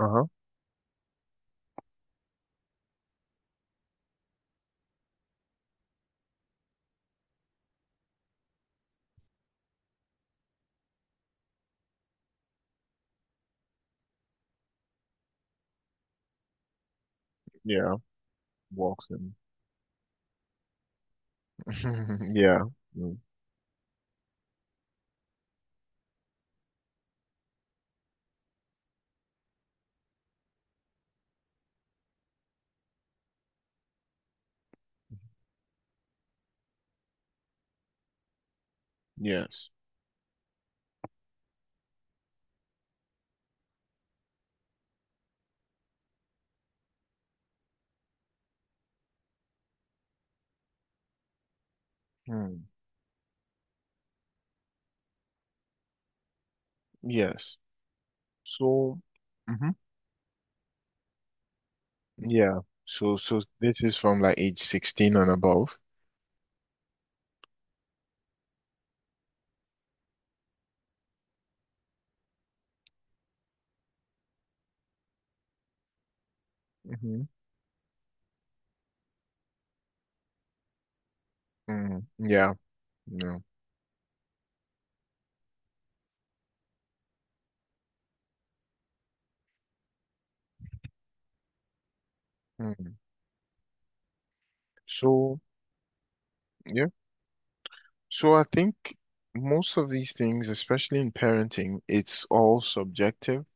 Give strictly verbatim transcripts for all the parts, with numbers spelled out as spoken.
Uh-huh. Yeah. Walks in. Yeah. Mm. Yes. Hmm. Yes. So, hmm Yeah. So, so this is from like age sixteen and above. Mm-hmm. Mm. Yeah. No. Mm. So, yeah. So I think most of these things, especially in parenting, it's all subjective.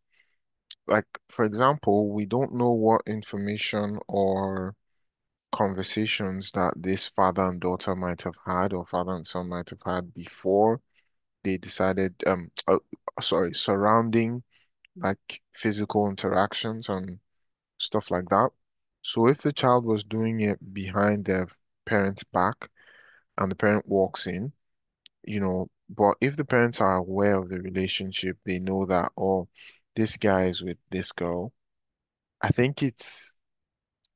Like, for example, we don't know what information or conversations that this father and daughter might have had, or father and son might have had before they decided, um, uh, sorry, surrounding like physical interactions and stuff like that. So if the child was doing it behind their parent's back and the parent walks in, you know, but if the parents are aware of the relationship, they know that, oh, this guy is with this girl. I think it's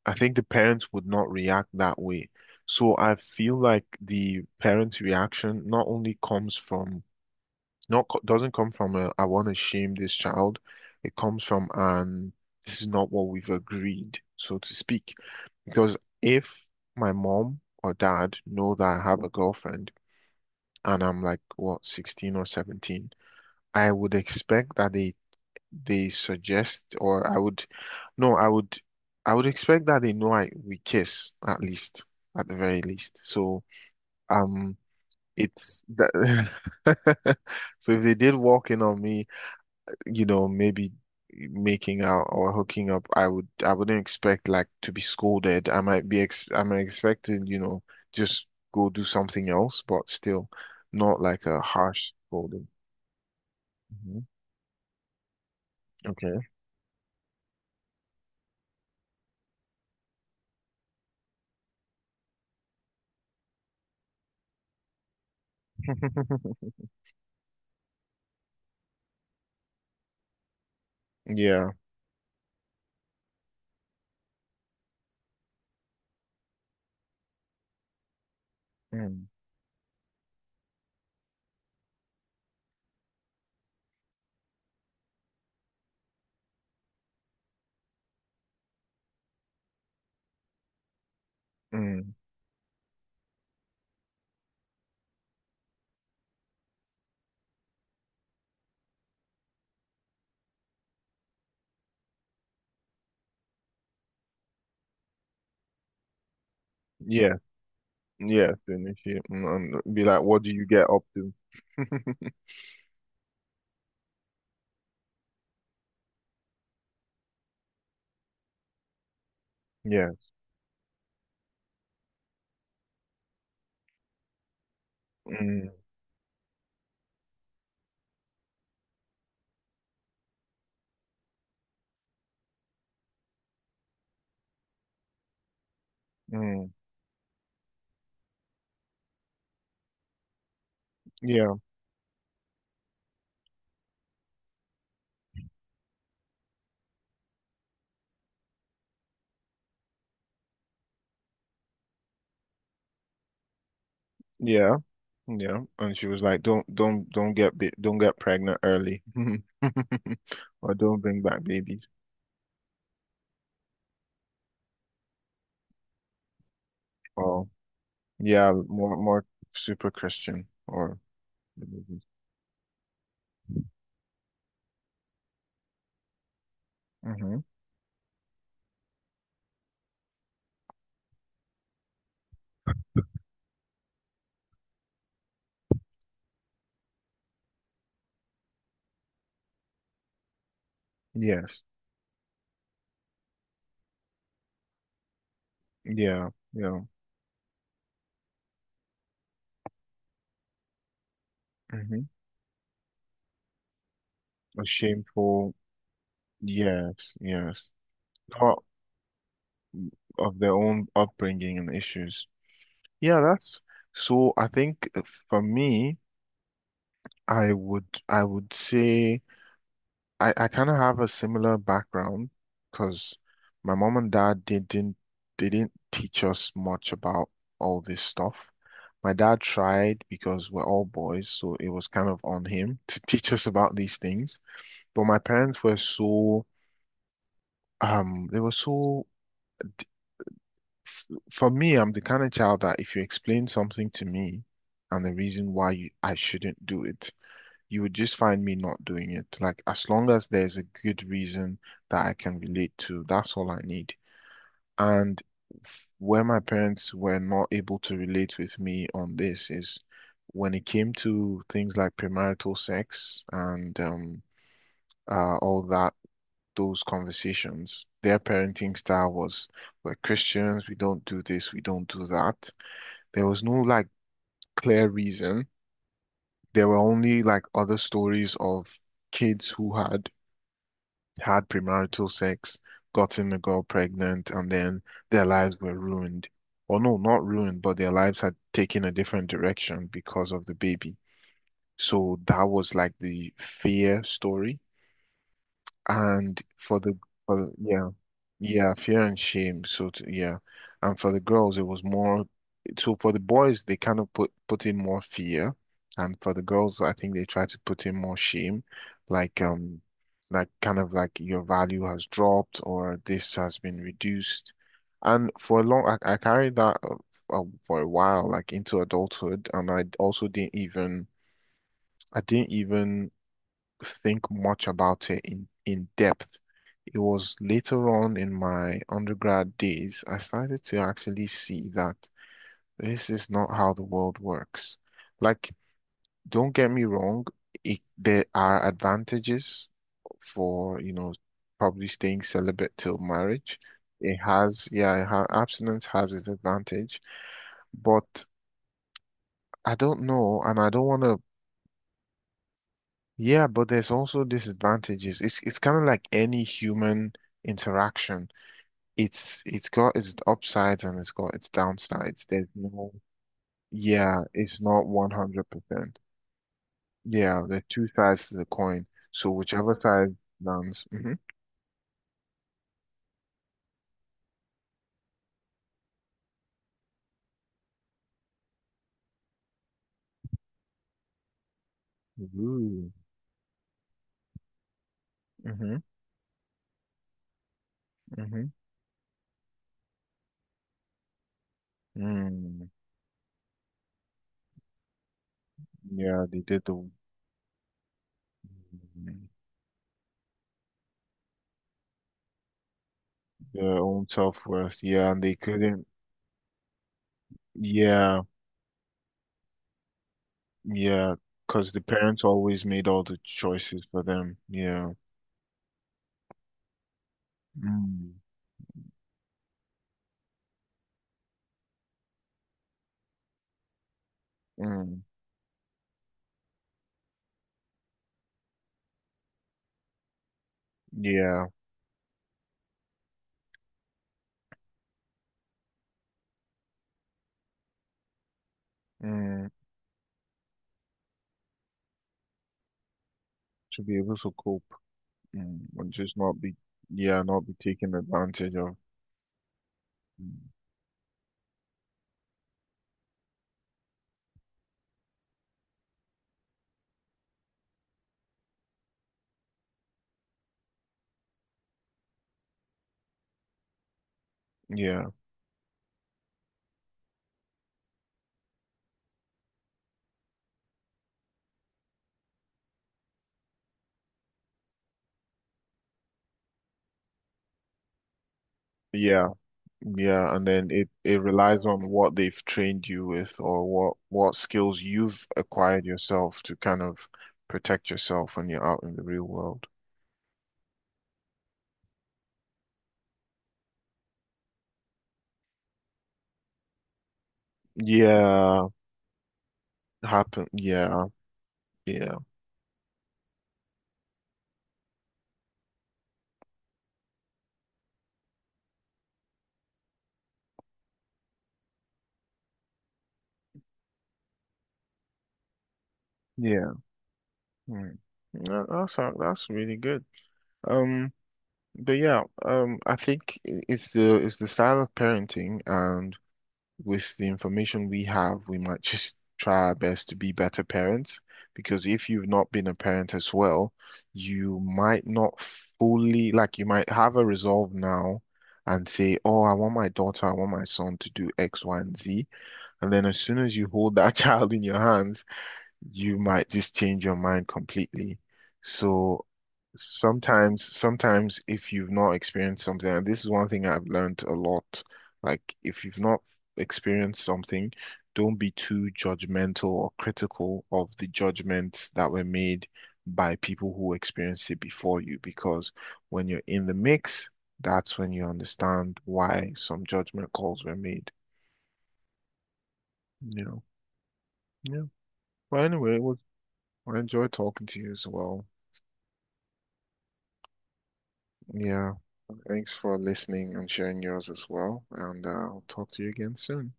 I think the parents would not react that way. So I feel like the parents' reaction not only comes from not co- doesn't come from a I want to shame this child. It comes from an this is not what we've agreed, so to speak. Because if my mom or dad know that I have a girlfriend and I'm like what sixteen or seventeen, I would expect that they they suggest, or I would, no, I would, I would expect that they know I we kiss at least, at the very least. So um, it's that. So if they did walk in on me, you know, maybe making out or hooking up, I would, I wouldn't expect like to be scolded. I might be, ex I might expect to, you know, just go do something else, but still, not like a harsh scolding. Mhm. Okay. Yeah. Mm. Mm. Yeah, yeah, finish it and, and be like, what do you get up to? Yeah. Mm, mm, yeah, yeah, yeah. And she was like, don't, don't, don't get, ba- don't get pregnant early, or don't bring back babies. Oh, yeah, more, more super Christian or. Religious. Mm-hmm. Yes. Yeah. Yeah. Mm-hmm. A shameful. Yes. Yes. Part of their own upbringing and issues. Yeah, that's so I think uh, for me, I would I would say I, I kind of have a similar background because my mom and dad they didn't they didn't teach us much about all this stuff. My dad tried because we're all boys, so it was kind of on him to teach us about these things. But my parents were so um they were so f- for me, I'm the kind of child that if you explain something to me and the reason why you, I shouldn't do it. You would just find me not doing it. Like, as long as there's a good reason that I can relate to, that's all I need. And f- where my parents were not able to relate with me on this is when it came to things like premarital sex and um, uh, all that, those conversations. Their parenting style was, we're Christians, we don't do this, we don't do that. There was no like clear reason. There were only like other stories of kids who had had premarital sex, gotten a girl pregnant, and then their lives were ruined. Or no, not ruined, but their lives had taken a different direction because of the baby. So that was like the fear story. And for the, for the yeah, yeah, fear and shame. So t yeah, and for the girls, it was more. So for the boys, they kind of put put in more fear, and for the girls, I think they try to put in more shame, like um, like kind of like your value has dropped or this has been reduced, and for a long, I, I carried that uh, f- uh, for a while, like into adulthood, and I also didn't even I didn't even think much about it in, in depth. It was later on in my undergrad days, I started to actually see that this is not how the world works. Like, don't get me wrong, it, there are advantages for, you know, probably staying celibate till marriage. It has, yeah, it ha abstinence has its advantage, but I don't know, and I don't want to Yeah, but there's also disadvantages. It's it's kind of like any human interaction. It's it's got its upsides and it's got its downsides. There's no, yeah, it's not one hundred percent. Yeah, there are two sides to the coin. So whichever side lands, hmm Ooh, hmm hmm Mm. Yeah, they did the mm, their own self-worth. Yeah, and they couldn't. Yeah, yeah, because the parents always made all the choices for them. Yeah. Mm, mm, yeah, mm, to be able to cope mm, and just not be, yeah, not be taken advantage of. Mm, Yeah, yeah, yeah, and then it it relies on what they've trained you with or what what skills you've acquired yourself to kind of protect yourself when you're out in the real world. Yeah, happen. Yeah, yeah, yeah. Mm. That, that's that's really good. Um. But yeah, um, I think i- it's the it's the style of parenting, and with the information we have, we might just try our best to be better parents. Because if you've not been a parent as well, you might not fully like you might have a resolve now and say, "Oh, I want my daughter, I want my son to do X, Y, and Z," and then as soon as you hold that child in your hands, you might just change your mind completely. So Sometimes, sometimes if you've not experienced something, and this is one thing I've learned a lot, like if you've not experienced something, don't be too judgmental or critical of the judgments that were made by people who experienced it before you, because when you're in the mix, that's when you understand why some judgment calls were made, you know. Yeah. But anyway, it was, I enjoyed talking to you as well. Yeah. Thanks for listening and sharing yours as well. And uh, I'll talk to you again soon.